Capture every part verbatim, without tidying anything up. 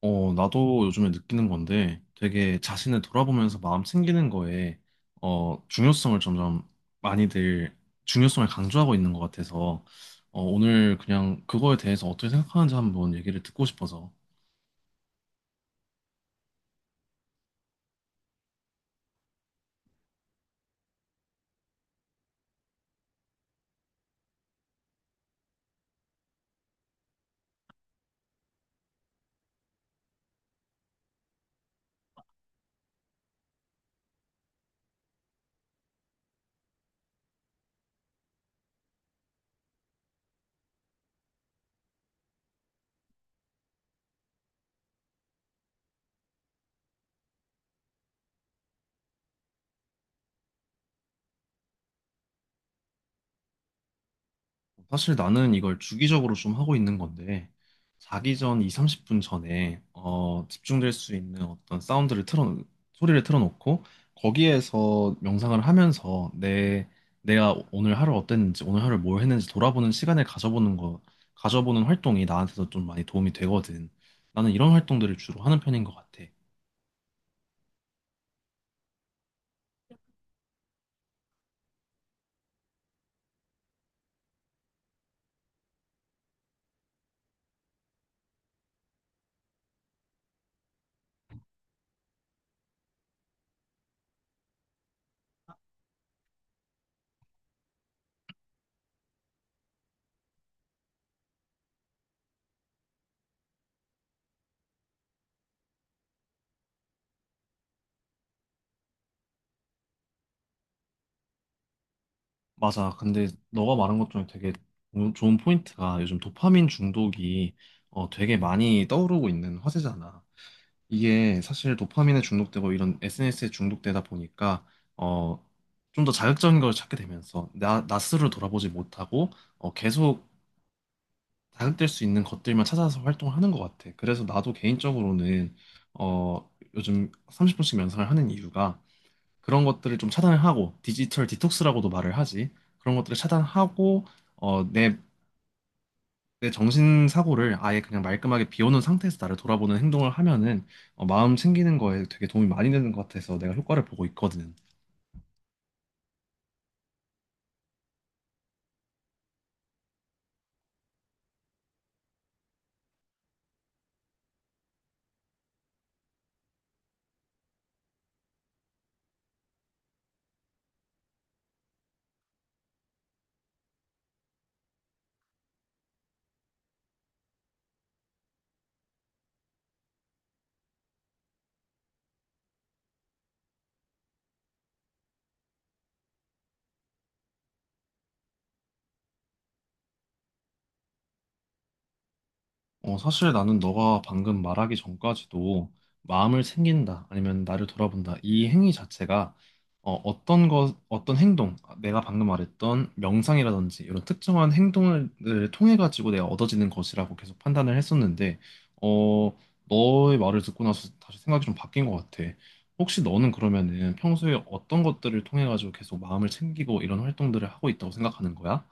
어, 나도 요즘에 느끼는 건데 되게 자신을 돌아보면서 마음 챙기는 거에 어, 중요성을 점점 많이들 중요성을 강조하고 있는 것 같아서 어, 오늘 그냥 그거에 대해서 어떻게 생각하는지 한번 얘기를 듣고 싶어서. 사실 나는 이걸 주기적으로 좀 하고 있는 건데, 자기 전 이, 삼십 분 전에, 어, 집중될 수 있는 어떤 사운드를 틀어, 소리를 틀어놓고, 거기에서 명상을 하면서 내, 내가 오늘 하루 어땠는지, 오늘 하루 뭘 했는지 돌아보는 시간을 가져보는 거, 가져보는 활동이 나한테도 좀 많이 도움이 되거든. 나는 이런 활동들을 주로 하는 편인 것 같아. 맞아. 근데 너가 말한 것 중에 되게 조- 좋은 포인트가 요즘 도파민 중독이 어, 되게 많이 떠오르고 있는 화제잖아. 이게 사실 도파민에 중독되고 이런 에스엔에스에 중독되다 보니까 어, 좀 더 자극적인 걸 찾게 되면서 나, 나 스스로 돌아보지 못하고 어, 계속 자극될 수 있는 것들만 찾아서 활동을 하는 것 같아. 그래서 나도 개인적으로는 어, 요즘 삼십 분씩 명상을 하는 이유가 그런 것들을 좀 차단을 하고 디지털 디톡스라고도 말을 하지. 그런 것들을 차단하고 어, 내 내 정신사고를 아예 그냥 말끔하게 비워놓은 상태에서 나를 돌아보는 행동을 하면은 어, 마음 챙기는 거에 되게 도움이 많이 되는 것 같아서 내가 효과를 보고 있거든. 어, 사실 나는 너가 방금 말하기 전까지도 마음을 챙긴다, 아니면 나를 돌아본다, 이 행위 자체가 어, 어떤 것, 어떤 행동, 아, 내가 방금 말했던 명상이라든지 이런 특정한 행동을 통해 가지고 내가 얻어지는 것이라고 계속 판단을 했었는데, 어, 너의 말을 듣고 나서 다시 생각이 좀 바뀐 것 같아. 혹시 너는 그러면은 평소에 어떤 것들을 통해 가지고 계속 마음을 챙기고 이런 활동들을 하고 있다고 생각하는 거야?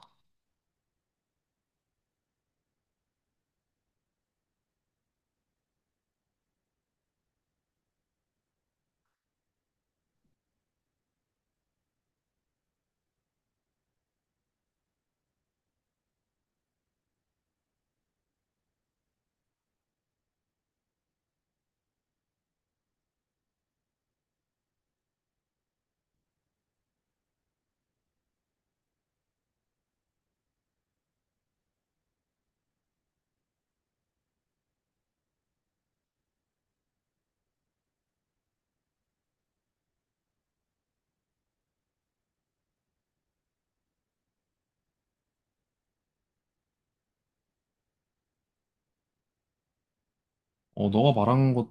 어, 너가 말한 것,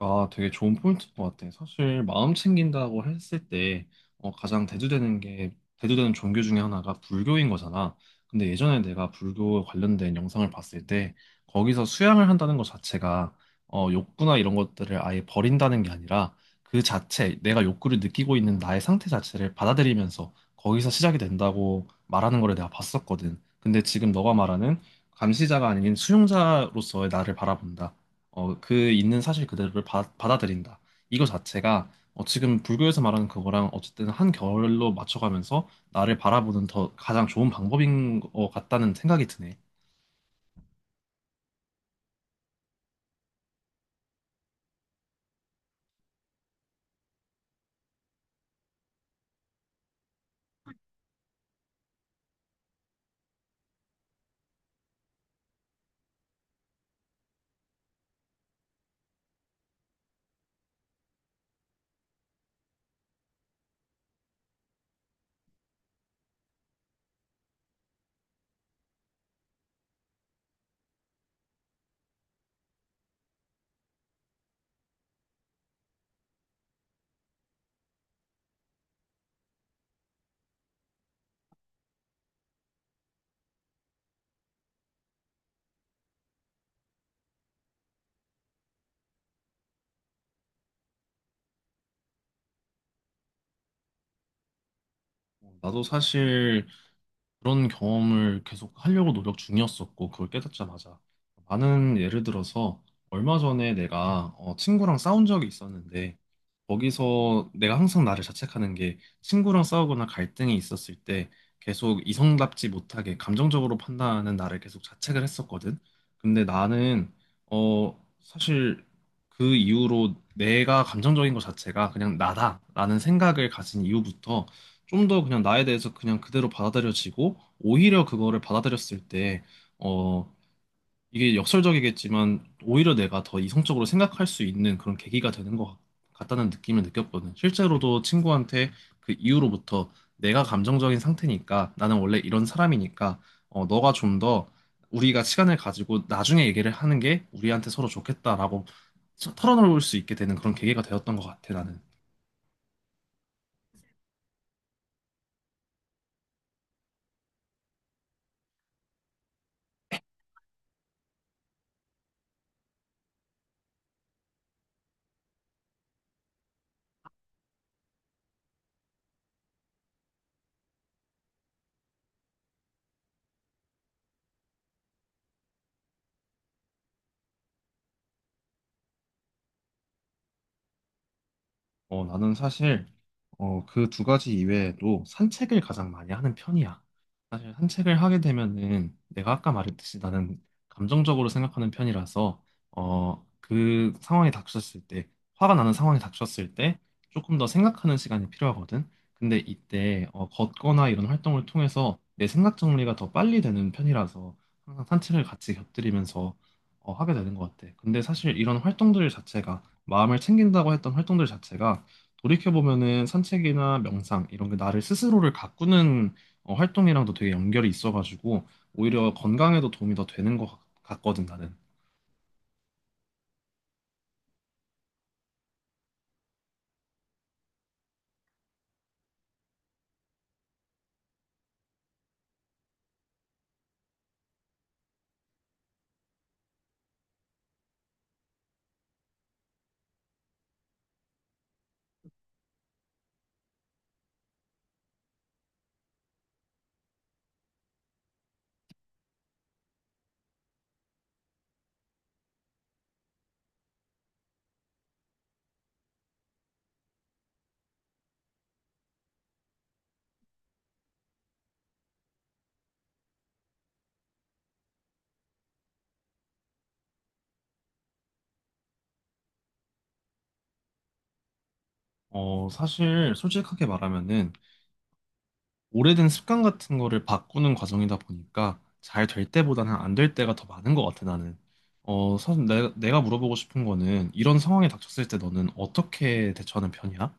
아, 되게 좋은 포인트인 것 같아. 사실 마음 챙긴다고 했을 때 어, 가장 대두되는 게 대두되는 종교 중에 하나가 불교인 거잖아. 근데 예전에 내가 불교 관련된 영상을 봤을 때 거기서 수양을 한다는 것 자체가 어, 욕구나 이런 것들을 아예 버린다는 게 아니라 그 자체 내가 욕구를 느끼고 있는 나의 상태 자체를 받아들이면서 거기서 시작이 된다고 말하는 거를 내가 봤었거든. 근데 지금 너가 말하는 감시자가 아닌 수용자로서의 나를 바라본다. 어, 그 있는 사실 그대로를 받, 아들인다 이거 자체가 어, 지금 불교에서 말하는 그거랑 어쨌든 한 결로 맞춰가면서 나를 바라보는 더 가장 좋은 방법인 것 같다는 생각이 드네. 어, 나도 사실 그런 경험을 계속 하려고 노력 중이었었고, 그걸 깨닫자마자. 많은 예를 들어서, 얼마 전에 내가 어, 친구랑 싸운 적이 있었는데, 거기서 내가 항상 나를 자책하는 게, 친구랑 싸우거나 갈등이 있었을 때, 계속 이성답지 못하게 감정적으로 판단하는 나를 계속 자책을 했었거든. 근데 나는, 어, 사실 그 이후로 내가 감정적인 것 자체가 그냥 나다라는 생각을 가진 이후부터, 좀 더 그냥 나에 대해서 그냥 그대로 받아들여지고 오히려 그거를 받아들였을 때 어, 이게 역설적이겠지만 오히려 내가 더 이성적으로 생각할 수 있는 그런 계기가 되는 것 같- 같다는 느낌을 느꼈거든. 실제로도 친구한테 그 이후로부터 내가 감정적인 상태니까 나는 원래 이런 사람이니까 어, 너가 좀 더 우리가 시간을 가지고 나중에 얘기를 하는 게 우리한테 서로 좋겠다라고 털어놓을 수 있게 되는 그런 계기가 되었던 것 같아 나는. 어, 나는 사실 어, 그 두 가지 이외에도 산책을 가장 많이 하는 편이야. 사실 산책을 하게 되면은 내가 아까 말했듯이 나는 감정적으로 생각하는 편이라서 어, 그 상황이 닥쳤을 때 화가 나는 상황이 닥쳤을 때 조금 더 생각하는 시간이 필요하거든. 근데 이때 어, 걷거나 이런 활동을 통해서 내 생각 정리가 더 빨리 되는 편이라서 항상 산책을 같이 곁들이면서 어, 하게 되는 것 같아. 근데 사실 이런 활동들 자체가 마음을 챙긴다고 했던 활동들 자체가 돌이켜보면은 산책이나 명상 이런 게 나를 스스로를 가꾸는 어, 활동이랑도 되게 연결이 있어가지고 오히려 건강에도 도움이 더 되는 것 같- 같거든 나는. 어, 사실 솔직하게 말하면은 오래된 습관 같은 거를 바꾸는 과정이다 보니까 잘 될 때보다는 안 될 때가 더 많은 것 같아 나는. 어, 사실 내, 내가 물어보고 싶은 거는 이런 상황에 닥쳤을 때 너는 어떻게 대처하는 편이야?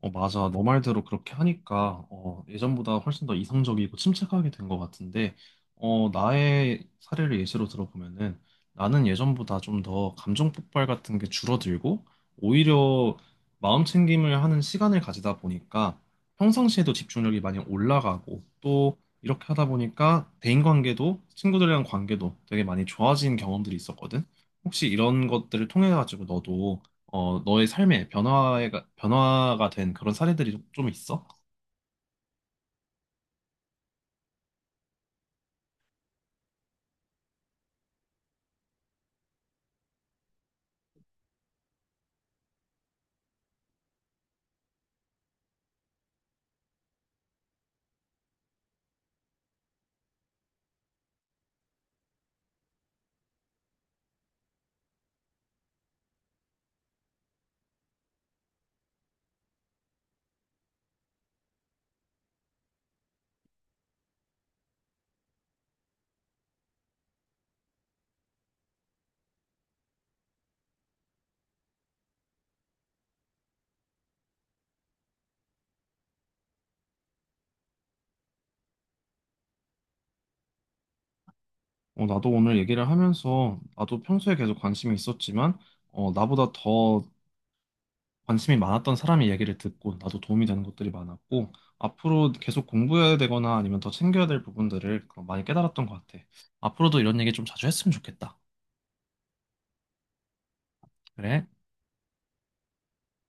어, 맞아. 너 말대로 그렇게 하니까, 어, 예전보다 훨씬 더 이성적이고 침착하게 된 것 같은데, 어, 나의 사례를 예시로 들어보면은, 나는 예전보다 좀 더 감정 폭발 같은 게 줄어들고, 오히려 마음 챙김을 하는 시간을 가지다 보니까, 평상시에도 집중력이 많이 올라가고, 또 이렇게 하다 보니까 대인관계도, 친구들이랑 관계도 되게 많이 좋아진 경험들이 있었거든. 혹시 이런 것들을 통해 가지고 너도 어, 너의 삶에 변화가, 변화가 된 그런 사례들이 좀좀 있어? 어, 나도 오늘 얘기를 하면서 나도 평소에 계속 관심이 있었지만 어, 나보다 더 관심이 많았던 사람의 얘기를 듣고 나도 도움이 되는 것들이 많았고 앞으로 계속 공부해야 되거나 아니면 더 챙겨야 될 부분들을 많이 깨달았던 것 같아. 앞으로도 이런 얘기 좀 자주 했으면 좋겠다. 그래.